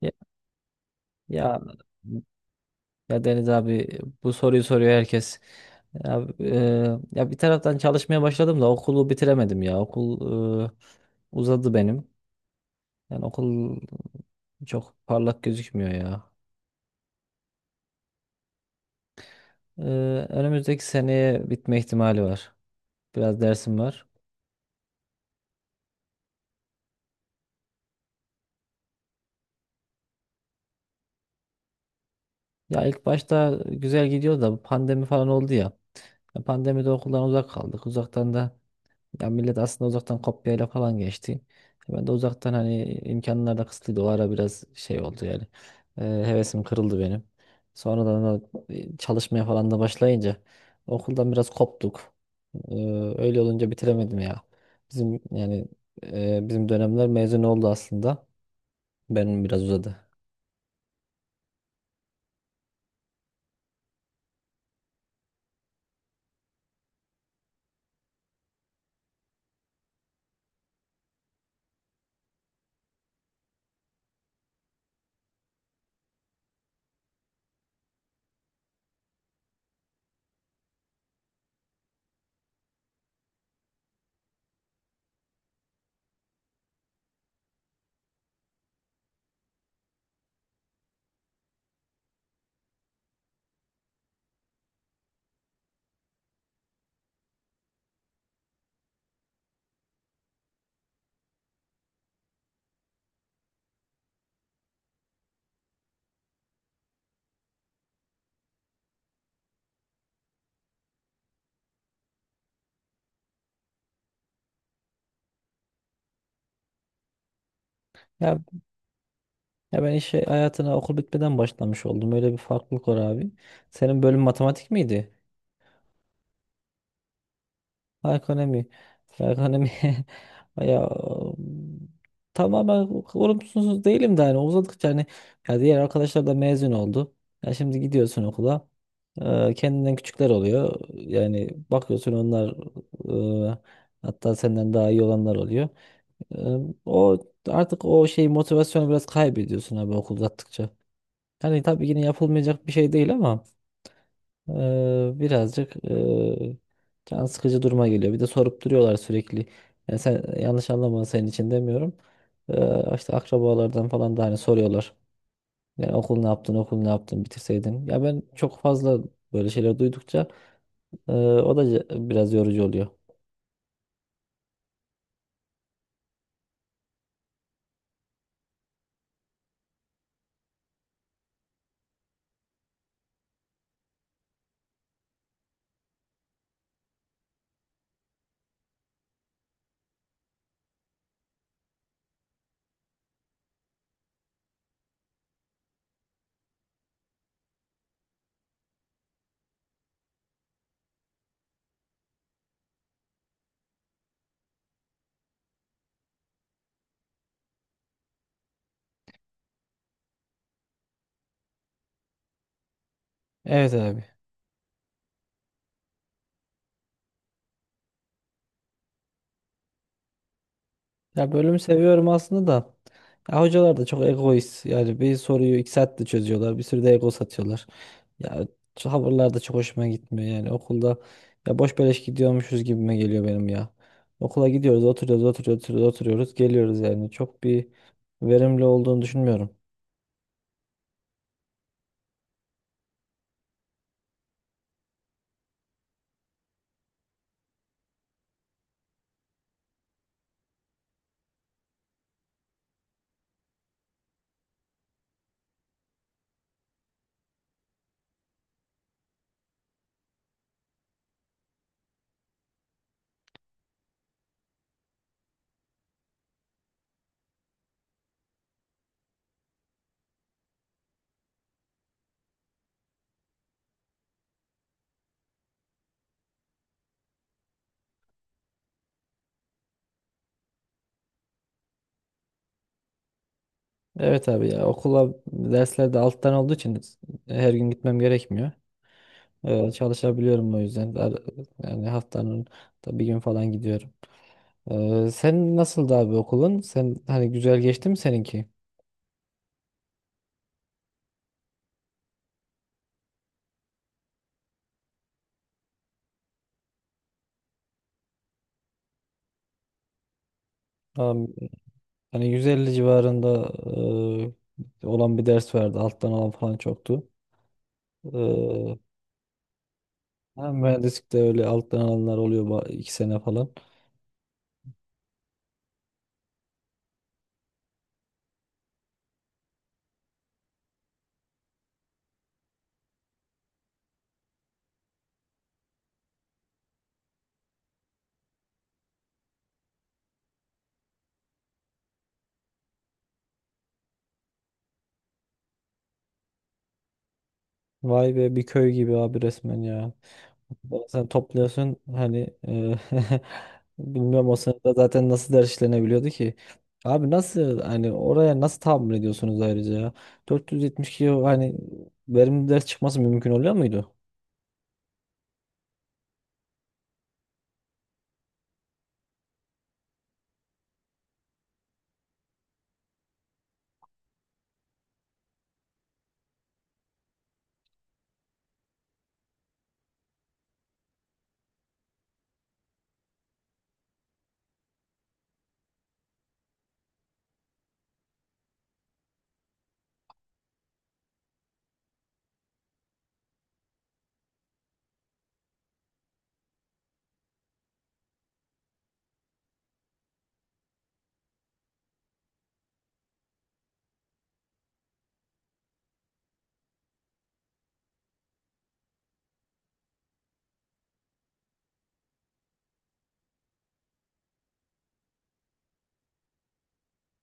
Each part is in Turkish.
Ya, ya ya Deniz abi bu soruyu soruyor herkes. Ya, ya bir taraftan çalışmaya başladım da okulu bitiremedim ya. Okul uzadı benim. Yani okul çok parlak gözükmüyor ya. E, Önümüzdeki seneye bitme ihtimali var. Biraz dersim var. Ya ilk başta güzel gidiyor da bu pandemi falan oldu ya. Ya pandemide okuldan uzak kaldık. Uzaktan da Ya millet aslında uzaktan kopyayla falan geçti. Ben de uzaktan hani imkanlar da kısıtlıydı. O ara biraz şey oldu yani. Hevesim kırıldı benim. Sonradan da çalışmaya falan da başlayınca okuldan biraz koptuk. Ee, Öyle olunca bitiremedim ya. Bizim yani, bizim dönemler mezun oldu aslında. Benim biraz uzadı. Ya, ya ben işe hayatına okul bitmeden başlamış oldum. Öyle bir farklılık var abi. Senin bölüm matematik miydi? Ekonomi. Ekonomi. Ya tamamen olumsuz değilim de hani uzadıkça hani ya diğer arkadaşlar da mezun oldu. Ya şimdi gidiyorsun okula. Kendinden küçükler oluyor. Yani bakıyorsun onlar, e, hatta senden daha iyi olanlar oluyor. E, O artık o şey motivasyonu biraz kaybediyorsun abi okul uzattıkça. Hani tabii yine yapılmayacak bir şey değil ama birazcık can sıkıcı duruma geliyor. Bir de sorup duruyorlar sürekli. Yani sen yanlış anlama, senin için demiyorum. İşte akrabalardan falan da hani soruyorlar. Yani okul ne yaptın, okul ne yaptın, bitirseydin. Ya ben çok fazla böyle şeyler duydukça o da biraz yorucu oluyor. Evet abi. Ya bölümü seviyorum aslında da. Ya hocalar da çok egoist. Yani bir soruyu 2 saatte çözüyorlar. Bir sürü de ego satıyorlar. Ya şu tavırlar da çok hoşuma gitmiyor yani. Okulda ya boş beleş gidiyormuşuz gibime geliyor benim ya. Okula gidiyoruz, oturuyoruz, oturuyoruz, oturuyoruz, oturuyoruz, geliyoruz yani. Çok bir verimli olduğunu düşünmüyorum. Evet abi, ya okula derslerde alttan olduğu için her gün gitmem gerekmiyor. Çalışabiliyorum o yüzden. Yani haftanın da bir gün falan gidiyorum. Sen nasıldı abi okulun? Sen hani güzel geçti mi seninki? Am- Hani 150 civarında olan bir ders vardı. Alttan alan falan çoktu. Ee, ha, mühendislikte öyle alttan alanlar oluyor 2 sene falan. Vay be, bir köy gibi abi resmen ya. Sen topluyorsun hani bilmiyorum o sırada zaten nasıl ders işlenebiliyordu ki. Abi nasıl, hani oraya nasıl tahammül ediyorsunuz ayrıca ya? 472 o hani verimli ders çıkması mümkün oluyor muydu?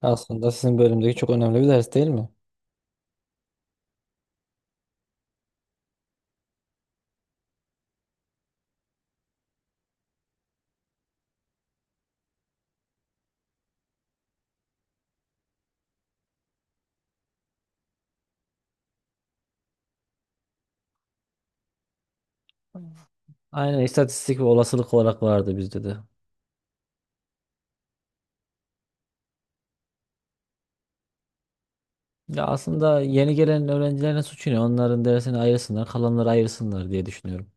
Aslında sizin bölümdeki çok önemli bir ders değil mi? Aynen, istatistik ve olasılık olarak vardı bizde de. Ya aslında yeni gelen öğrencilerin suçu ne? Onların dersini ayırsınlar, kalanları ayırsınlar diye düşünüyorum.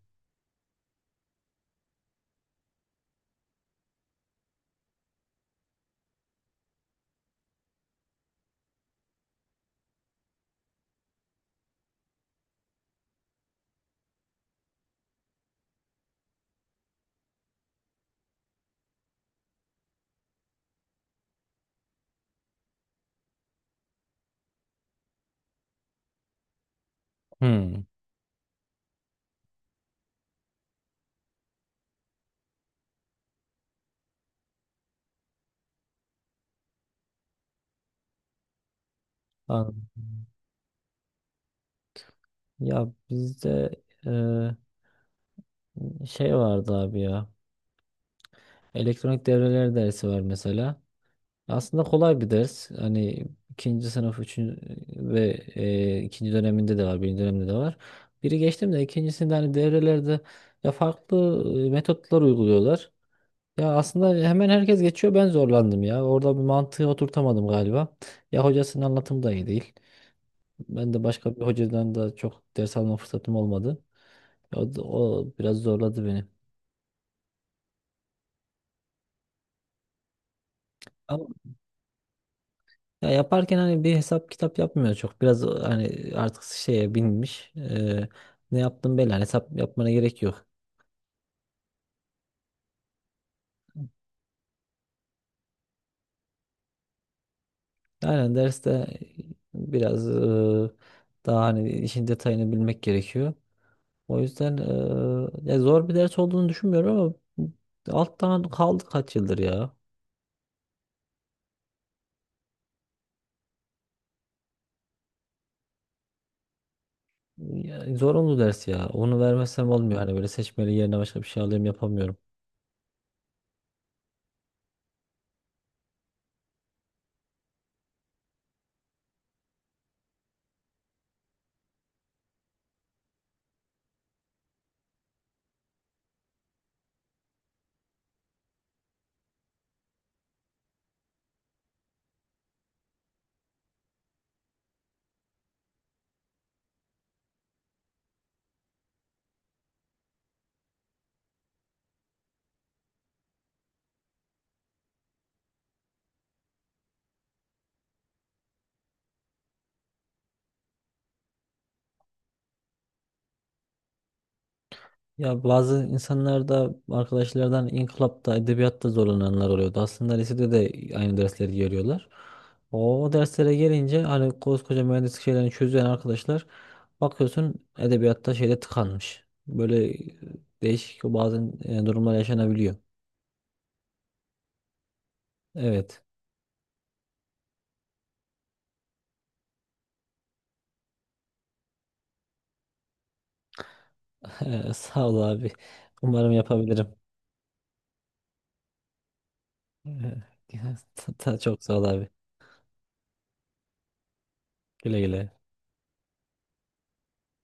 Hmm. Anladım. Ya bizde e, şey vardı abi ya. Elektronik devreler dersi var mesela. Aslında kolay bir ders. Hani ikinci sınıf üçüncü ve ikinci döneminde de var, birinci dönemde de var. Biri geçtim de ikincisinde hani devrelerde ya farklı metotlar uyguluyorlar. Ya aslında hemen herkes geçiyor, ben zorlandım ya. Orada bir mantığı oturtamadım galiba. Ya hocasının anlatımı da iyi değil. Ben de başka bir hocadan da çok ders alma fırsatım olmadı. O biraz zorladı beni. Ama ya yaparken hani bir hesap kitap yapmıyor çok. Biraz hani artık şeye binmiş. Ne yaptım belli. Hani hesap yapmana gerek yok. Aynen derste biraz daha hani işin detayını bilmek gerekiyor. O yüzden ya zor bir ders olduğunu düşünmüyorum ama alttan kaldı kaç yıldır ya. Ya, zorunlu ders ya. Onu vermezsem olmuyor. Hani böyle seçmeli yerine başka bir şey alayım yapamıyorum. Ya bazı insanlar da arkadaşlardan inkılapta, edebiyatta zorlananlar oluyordu. Aslında lisede de aynı dersleri görüyorlar. O derslere gelince hani koskoca mühendislik şeylerini çözen arkadaşlar bakıyorsun edebiyatta şeyde tıkanmış. Böyle değişik bazen durumlar yaşanabiliyor. Evet. Sağ ol abi. Umarım yapabilirim. Ee, Çok sağ ol abi. Güle güle.